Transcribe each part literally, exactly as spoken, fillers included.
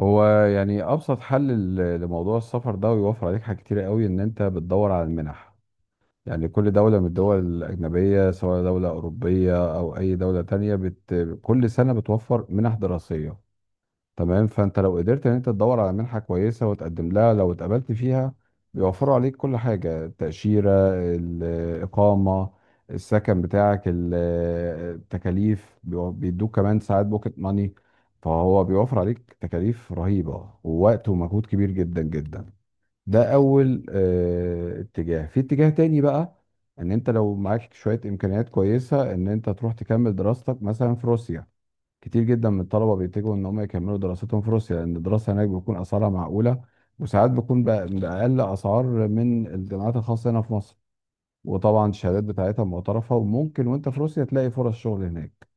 هو يعني ابسط حل ل- لموضوع السفر ده، ويوفر عليك حاجات كتيره قوي ان انت بتدور على المنح. يعني كل دوله من الدول الاجنبيه، سواء دوله اوروبيه او اي دوله تانية بت... كل سنه بتوفر منح دراسيه. تمام، فانت لو قدرت ان انت تدور على منحه كويسه وتقدم لها، لو اتقبلت فيها بيوفروا عليك كل حاجه: التاشيره، الاقامه، السكن بتاعك، ال- التكاليف، بيو- بيدوك كمان ساعات بوكيت ماني. فهو بيوفر عليك تكاليف رهيبه ووقت ومجهود كبير جدا جدا. ده اول آه، اتجاه. في اتجاه تاني بقى، ان انت لو معاك شويه امكانيات كويسه ان انت تروح تكمل دراستك مثلا في روسيا. كتير جدا من الطلبه بيتجهوا ان هم يكملوا دراستهم في روسيا، لان الدراسه هناك بيكون اسعارها معقوله، وساعات بتكون بأ- باقل اسعار من الجامعات الخاصه هنا في مصر. وطبعا الشهادات بتاعتها معترفه، وممكن وانت في روسيا تلاقي فرص شغل هناك.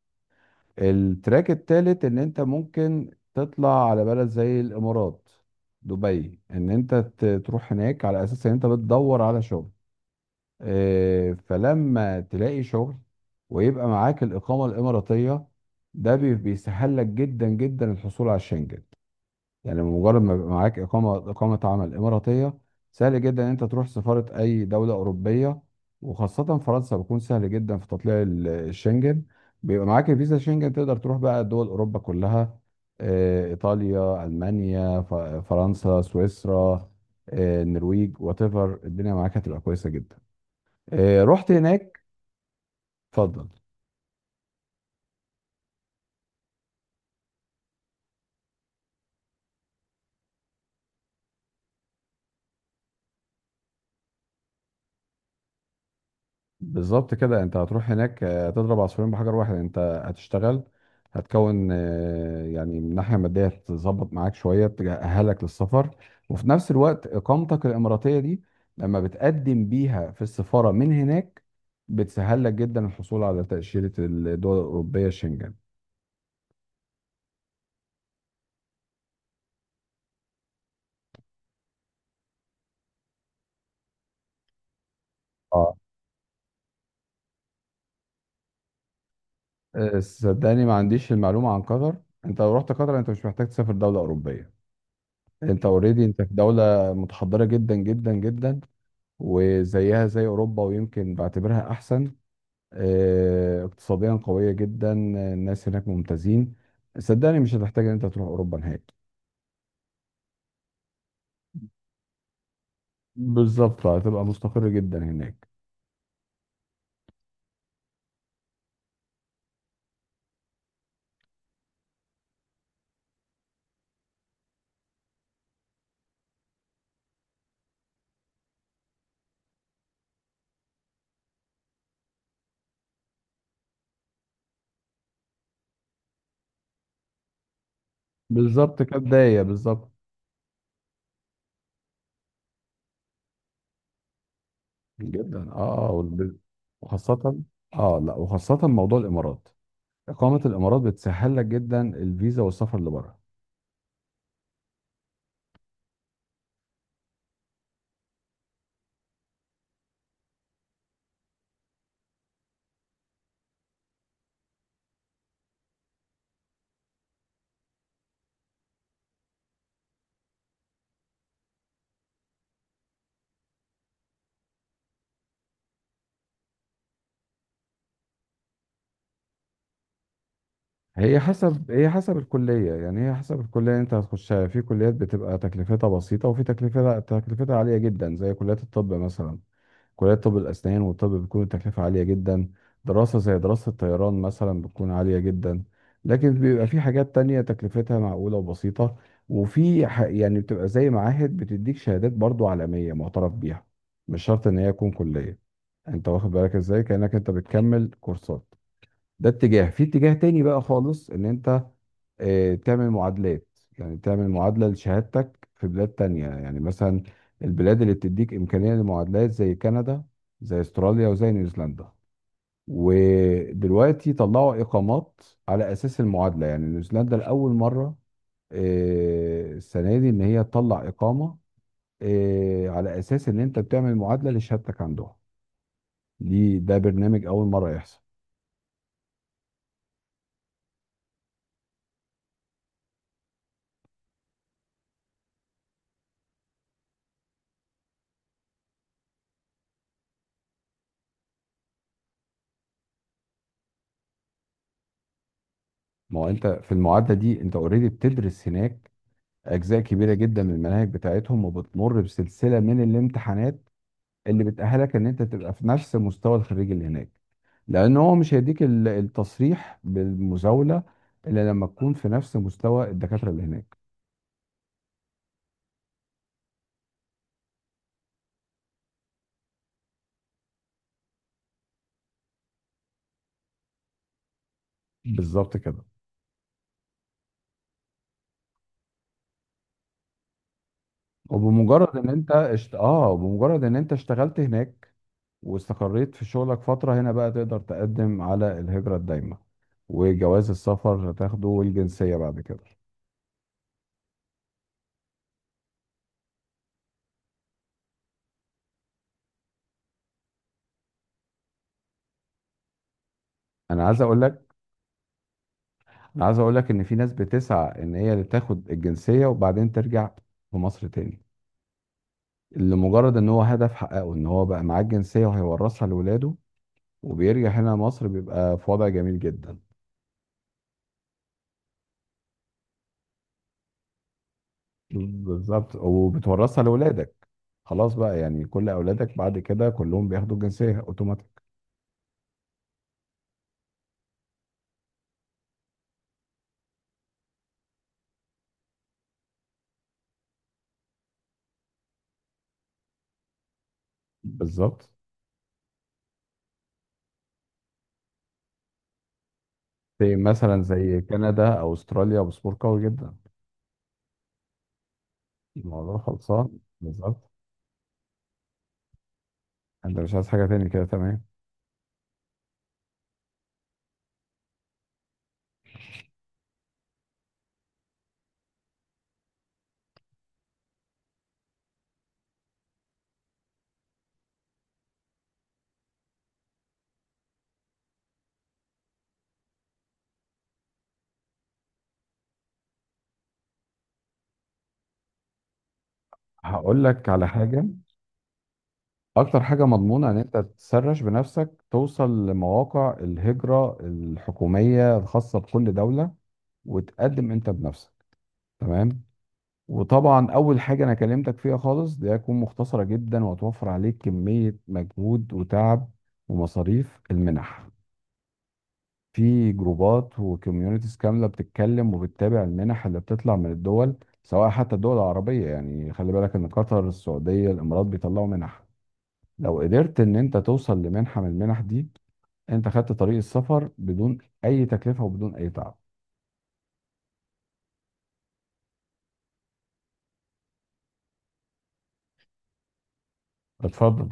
التراك التالت ان انت ممكن تطلع على بلد زي الامارات، دبي، ان انت ت- تروح هناك على اساس ان انت بتدور على شغل. آه، فلما تلاقي شغل ويبقى معاك الإقامة الإماراتية، ده بي- بيسهل لك جدا جدا الحصول على الشنجن. يعني مجرد ما يبقى معاك إقامة إقامة عمل إماراتية، سهل جدا إن أنت تروح سفارة أي دولة أوروبية، وخاصة فرنسا، بيكون سهل جدا في تطليع ال- الشنجن. بيبقى معاك الفيزا شنجن، تقدر تروح بقى دول أوروبا كلها: آه، إيطاليا، ألمانيا، ف- فرنسا، سويسرا، آه، النرويج، وات ايفر، الدنيا معاك هتبقى كويسة جدا. آه، رحت هناك. اتفضل. بالظبط كده، انت هتروح هناك، آه، هتضرب عصفورين بحجر واحد. انت هتشتغل، هتكون آه، يعني من ناحيه ماديه تظبط معاك شويه تأهلك للسفر، وفي نفس الوقت اقامتك الاماراتيه دي، لما بتقدم بيها في السفاره من هناك، بتسهل لك جدا الحصول على تأشيرة الدول الأوروبية شنجن. اه، آه، صدقني ما عنديش المعلومة عن قطر. انت لو رحت قطر انت مش محتاج تسافر دولة أوروبية. انت اوريدي انت في دولة متحضرة جدا جدا جدا، وزيها زي اوروبا، ويمكن بعتبرها احسن. آه، اقتصاديا قويه جدا، الناس هناك ممتازين. صدقني مش هتحتاج ان انت تروح اوروبا نهائي. بالظبط، هتبقى مستقر جدا هناك. بالظبط، كبدايه بالظبط. جدا، اه، والب- وخاصه. اه لا، وخاصه موضوع الامارات، اقامه الامارات بتسهل لك جدا الفيزا والسفر لبره. هي حسب هي حسب الكلية، يعني هي حسب الكلية اللي انت هتخشها. في كليات بتبقى تكلفتها بسيطة، وفي تكلفتها تكلفتها عالية جدا، زي كليات الطب مثلا. كلية طب الأسنان والطب بتكون التكلفة عالية جدا. دراسة زي دراسة الطيران مثلا بتكون عالية جدا. لكن بيبقى في حاجات تانية تكلفتها معقولة وبسيطة. وفي ح- يعني بتبقى زي معاهد بتديك شهادات برضو عالمية معترف بيها، مش شرط ان هي تكون كلية. انت واخد بالك ازاي؟ كأنك انت بتكمل كورسات. ده اتجاه. في اتجاه تاني بقى خالص، ان انت آه، تعمل معادلات. يعني تعمل معادلة لشهادتك في بلاد تانية، يعني مثلا البلاد اللي بتديك إمكانية للمعادلات زي كندا، زي استراليا، وزي نيوزيلندا. ودلوقتي طلعوا إقامات على أساس المعادلة. يعني نيوزيلندا لأول مرة آه، السنة دي إن هي تطلع إقامة آه، على أساس إن أنت بتعمل معادلة لشهادتك عندهم. دي ده برنامج أول مرة يحصل. ما هو أنت في المعادلة دي أنت أوريدي بتدرس هناك اجزاء كبيره جدا من المناهج بتاعتهم، وبتمر بسلسله من الامتحانات اللي بتاهلك ان انت تبقى في نفس مستوى الخريج اللي هناك. لان هو مش هيديك ال- التصريح بالمزاوله الا لما تكون في نفس مستوى الدكاتره اللي هناك. بالظبط كده. وبمجرد ان انت اشت... اه، بمجرد ان انت اشتغلت هناك واستقريت في شغلك فتره، هنا بقى تقدر تقدم على الهجره الدايمه، وجواز السفر هتاخده، والجنسيه بعد كده. انا عايز اقول لك، انا عايز اقول لك ان في ناس بتسعى ان هي اللي تاخد الجنسيه وبعدين ترجع لمصر تاني، لمجرد ان هو هدف حققه، ان هو بقى معاه الجنسيه وهيورثها لاولاده. وبيرجع هنا مصر بيبقى في وضع جميل جدا. بالظبط، وبتورثها لاولادك. خلاص بقى، يعني كل اولادك بعد كده كلهم بياخدوا الجنسيه اوتوماتيك. بالظبط. زي مثلا زي كندا او استراليا، باسبور قوي جدا. الموضوع خلصان بالظبط. انت مش عايز حاجه تاني كده، تمام؟ هقول لك على حاجه. اكتر حاجة مضمونة ان انت تسرش بنفسك، توصل لمواقع الهجرة الحكومية الخاصة بكل دولة، وتقدم انت بنفسك. تمام. وطبعا اول حاجة انا كلمتك فيها خالص، دي هتكون مختصرة جدا، وهتوفر عليك كمية مجهود وتعب ومصاريف: المنح. في جروبات وكوميونيتيز كاملة بتتكلم وبتتابع المنح اللي بتطلع من الدول، سواء حتى الدول العربية. يعني خلي بالك ان قطر، السعودية، الامارات بيطلعوا منح. لو قدرت ان انت توصل لمنحة من المنح دي، انت خدت طريق السفر بدون اي تكلفة وبدون اي تعب. اتفضل.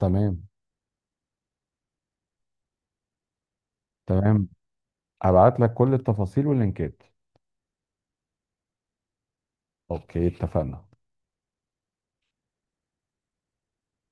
تمام، تمام، ابعت لك كل التفاصيل واللينكات. اوكي، اتفقنا.